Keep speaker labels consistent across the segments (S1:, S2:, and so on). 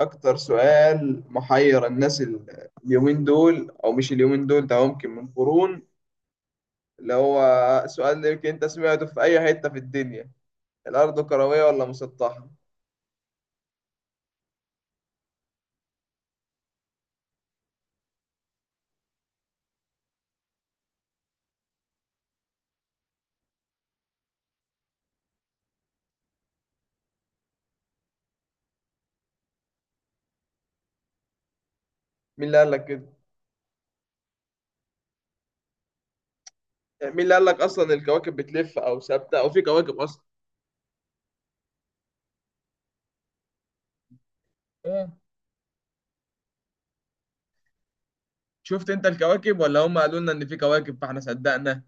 S1: أكتر سؤال محير الناس اليومين دول أو مش اليومين دول، ده ممكن من قرون. اللي هو سؤال اللي يمكن أنت سمعته في أي حتة في الدنيا، الأرض كروية ولا مسطحة؟ مين اللي قال لك كده؟ مين اللي قال لك أصلا الكواكب بتلف أو ثابتة أو في كواكب أصلا؟ إيه؟ شفت أنت الكواكب ولا هم قالوا لنا إن في كواكب فإحنا صدقنا؟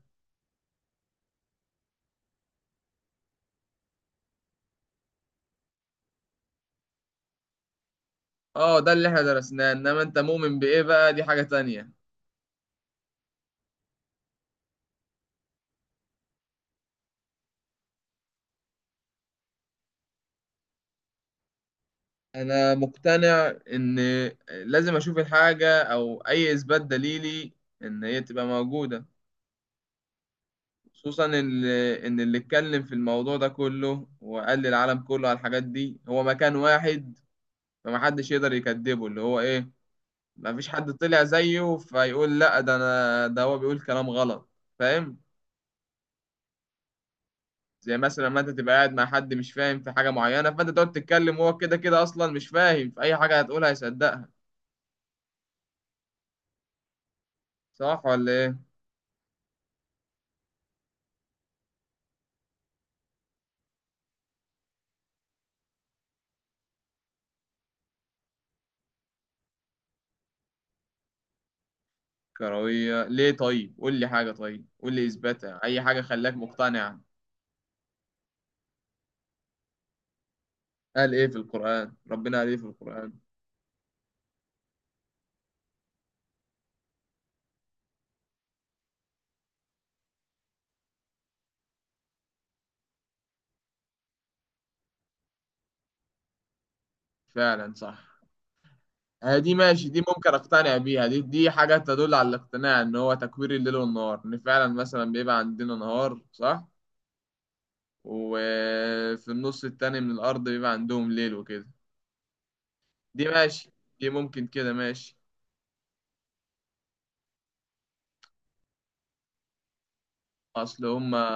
S1: أه، ده اللي إحنا درسناه، إنما أنت مؤمن بإيه بقى؟ دي حاجة تانية. انا مقتنع ان لازم اشوف الحاجه او اي اثبات دليلي ان هي تبقى موجوده، خصوصا ان اللي اتكلم في الموضوع ده كله وقال للعالم كله على الحاجات دي هو مكان واحد، فمحدش يقدر يكذبه، اللي هو ايه، مفيش حد طلع زيه فيقول لا ده انا، ده هو بيقول كلام غلط. فاهم؟ زي مثلا ما انت تبقى قاعد مع حد مش فاهم في حاجه معينه، فانت تقعد تتكلم وهو كده كده اصلا مش فاهم في اي حاجه، هتقولها هيصدقها. صح ولا ايه؟ كروية ليه؟ طيب قول لي حاجة، طيب قول لي إثباتها، أي حاجة خلاك مقتنع. قال إيه في القرآن؟ ربنا قال إيه في القرآن؟ فعلا صح. هي دي ماشي، دي ممكن أقتنع بيها، دي حاجة تدل على الاقتناع إن هو تكوير الليل والنهار، إن فعلا مثلا بيبقى عندنا نهار، صح، وفي النص التاني من الأرض بيبقى عندهم ليل وكده. دي ماشي، دي ممكن كده ماشي. أصل هما.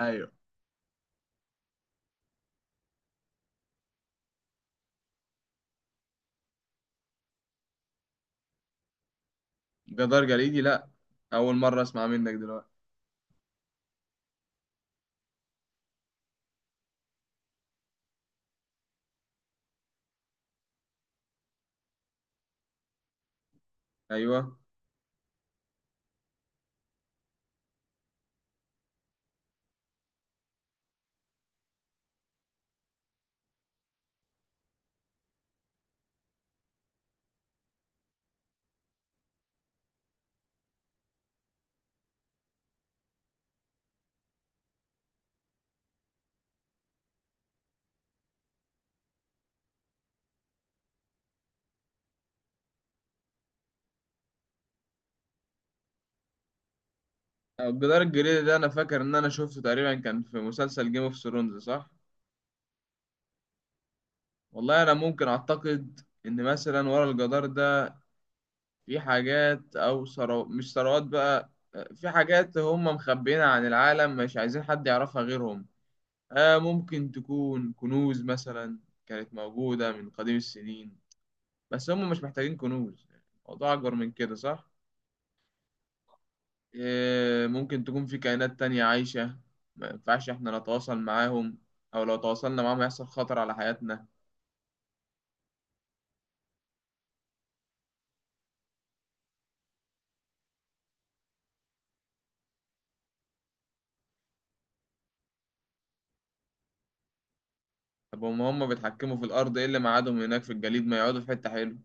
S1: أيوه. جدار جليدي؟ لأ، أول مرة أسمع منك دلوقتي. أيوه. الجدار الجليدي ده انا فاكر ان انا شفته تقريبا كان في مسلسل جيم اوف ثرونز، صح. والله انا ممكن اعتقد ان مثلا ورا الجدار ده في حاجات او ثروات، مش ثروات بقى، في حاجات هم مخبيينها عن العالم، مش عايزين حد يعرفها غيرهم. آه، ممكن تكون كنوز مثلا كانت موجودة من قديم السنين، بس هم مش محتاجين كنوز، يعني الموضوع اكبر من كده، صح. إيه، ممكن تكون في كائنات تانية عايشة ما ينفعش إحنا نتواصل معاهم، أو لو تواصلنا معاهم هيحصل خطر على حياتنا. طب هما بيتحكموا في الأرض، إيه اللي ميعادهم هناك في الجليد؟ ما يقعدوا في حتة حلوة.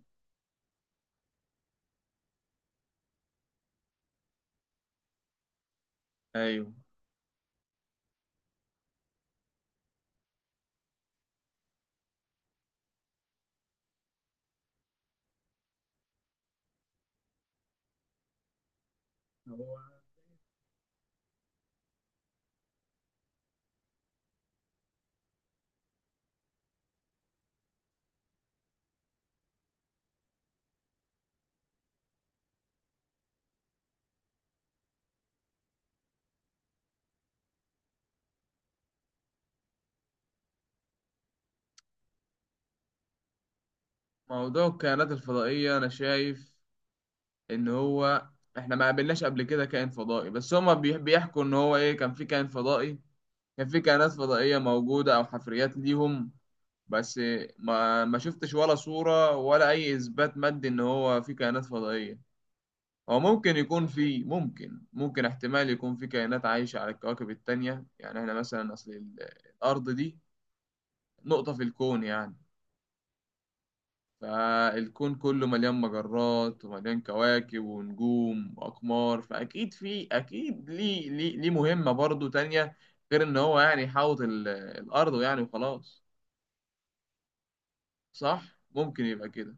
S1: أيوه. هو موضوع الكائنات الفضائية أنا شايف إن هو إحنا ما قابلناش قبل كده كائن فضائي، بس هما بيحكوا إن هو إيه، كان في كائن فضائي، كان في كائنات فضائية موجودة أو حفريات ليهم. بس ما شفتش ولا صورة ولا أي إثبات مادي إن هو في كائنات فضائية. هو ممكن يكون في، ممكن ممكن احتمال يكون في كائنات عايشة على الكواكب التانية، يعني احنا مثلا اصل الارض دي نقطة في الكون يعني. فالكون كله مليان مجرات ومليان كواكب ونجوم واقمار، فاكيد في، اكيد ليه مهمة برضو تانية غير ان هو يعني يحاوط الارض يعني وخلاص، صح، ممكن يبقى كده.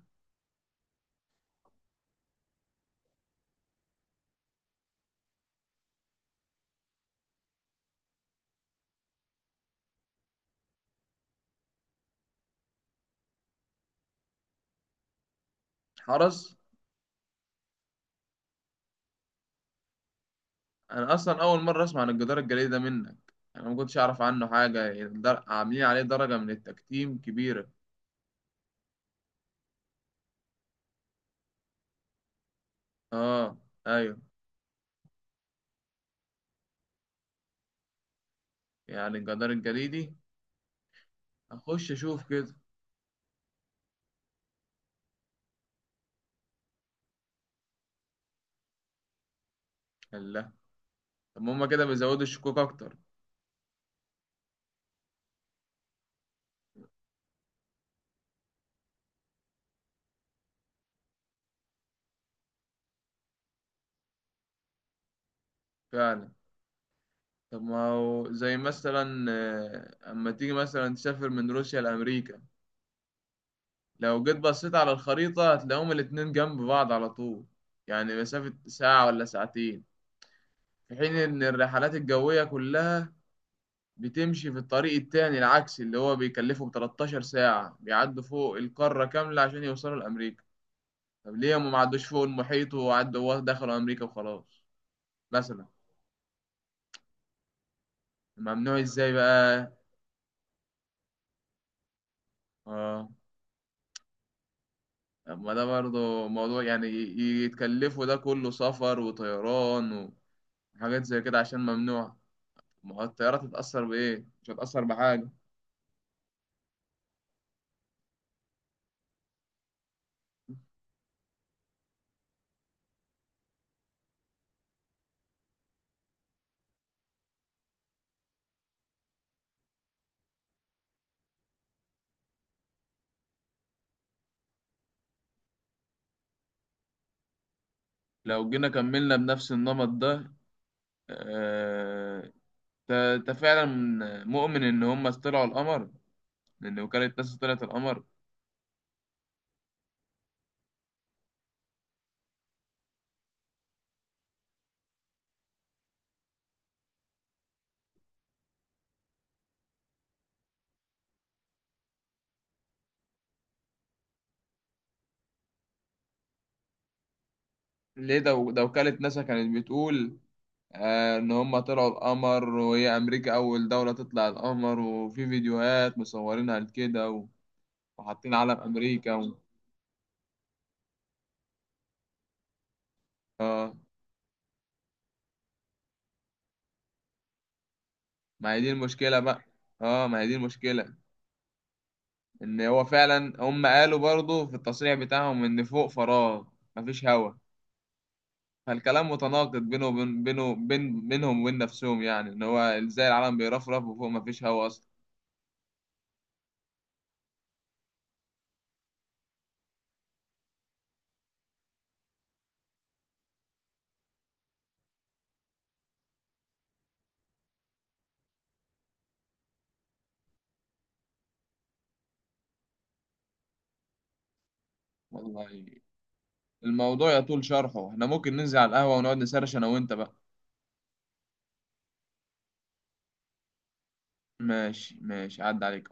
S1: حرس؟ انا اصلا اول مره اسمع عن الجدار الجليدي ده منك يعني، انا ما كنتش اعرف عنه حاجه، عاملين عليه درجه من التكتيم كبيره. اه. ايوه، يعني الجدار الجليدي اخش اشوف كده. الله، طب ما هما كده بيزودوا الشكوك اكتر. فعلا. طب ما هو زي مثلا، اما تيجي مثلا تسافر من روسيا لامريكا، لو جيت بصيت على الخريطه هتلاقيهم الاتنين جنب بعض على طول، يعني مسافه ساعه ولا ساعتين. في حين ان الرحلات الجويه كلها بتمشي في الطريق التاني العكسي اللي هو بيكلفهم 13 ساعة، بيعدوا فوق القارة كاملة عشان يوصلوا لأمريكا. طب ليه هم ما عدوش فوق المحيط وعدوا دخلوا أمريكا وخلاص؟ مثلا. ممنوع ازاي بقى؟ اه. طب ما ده برضه موضوع، يعني يتكلفوا ده كله سفر وطيران وحاجات زي كده عشان ممنوع؟ ما هو الطيارة تتأثر بإيه؟ مش هتأثر بحاجة. لو جينا كملنا بنفس النمط ده، آه، انت فعلا مؤمن ان هم طلعوا القمر؟ لأن وكالة ناسا طلعت القمر. ليه؟ ده وكالة ناسا كانت بتقول إن هما طلعوا القمر، وهي أمريكا أول دولة تطلع القمر، وفي فيديوهات مصورينها لكده، و- وحاطين علم أمريكا و... آه، ما هي دي المشكلة بقى، آه، ما هي دي المشكلة، إن هو فعلا هم قالوا برضه في التصريح بتاعهم إن فوق فراغ، مفيش هوا. فالكلام متناقض بينه وبين بينهم وبين نفسهم يعني، إن هو إزاي العالم بيرفرف وفوق مفيش هوا أصلا؟ والله الموضوع يطول شرحه، احنا ممكن ننزل على القهوة ونقعد نسرش انا وانت بقى. ماشي ماشي، عدى عليك.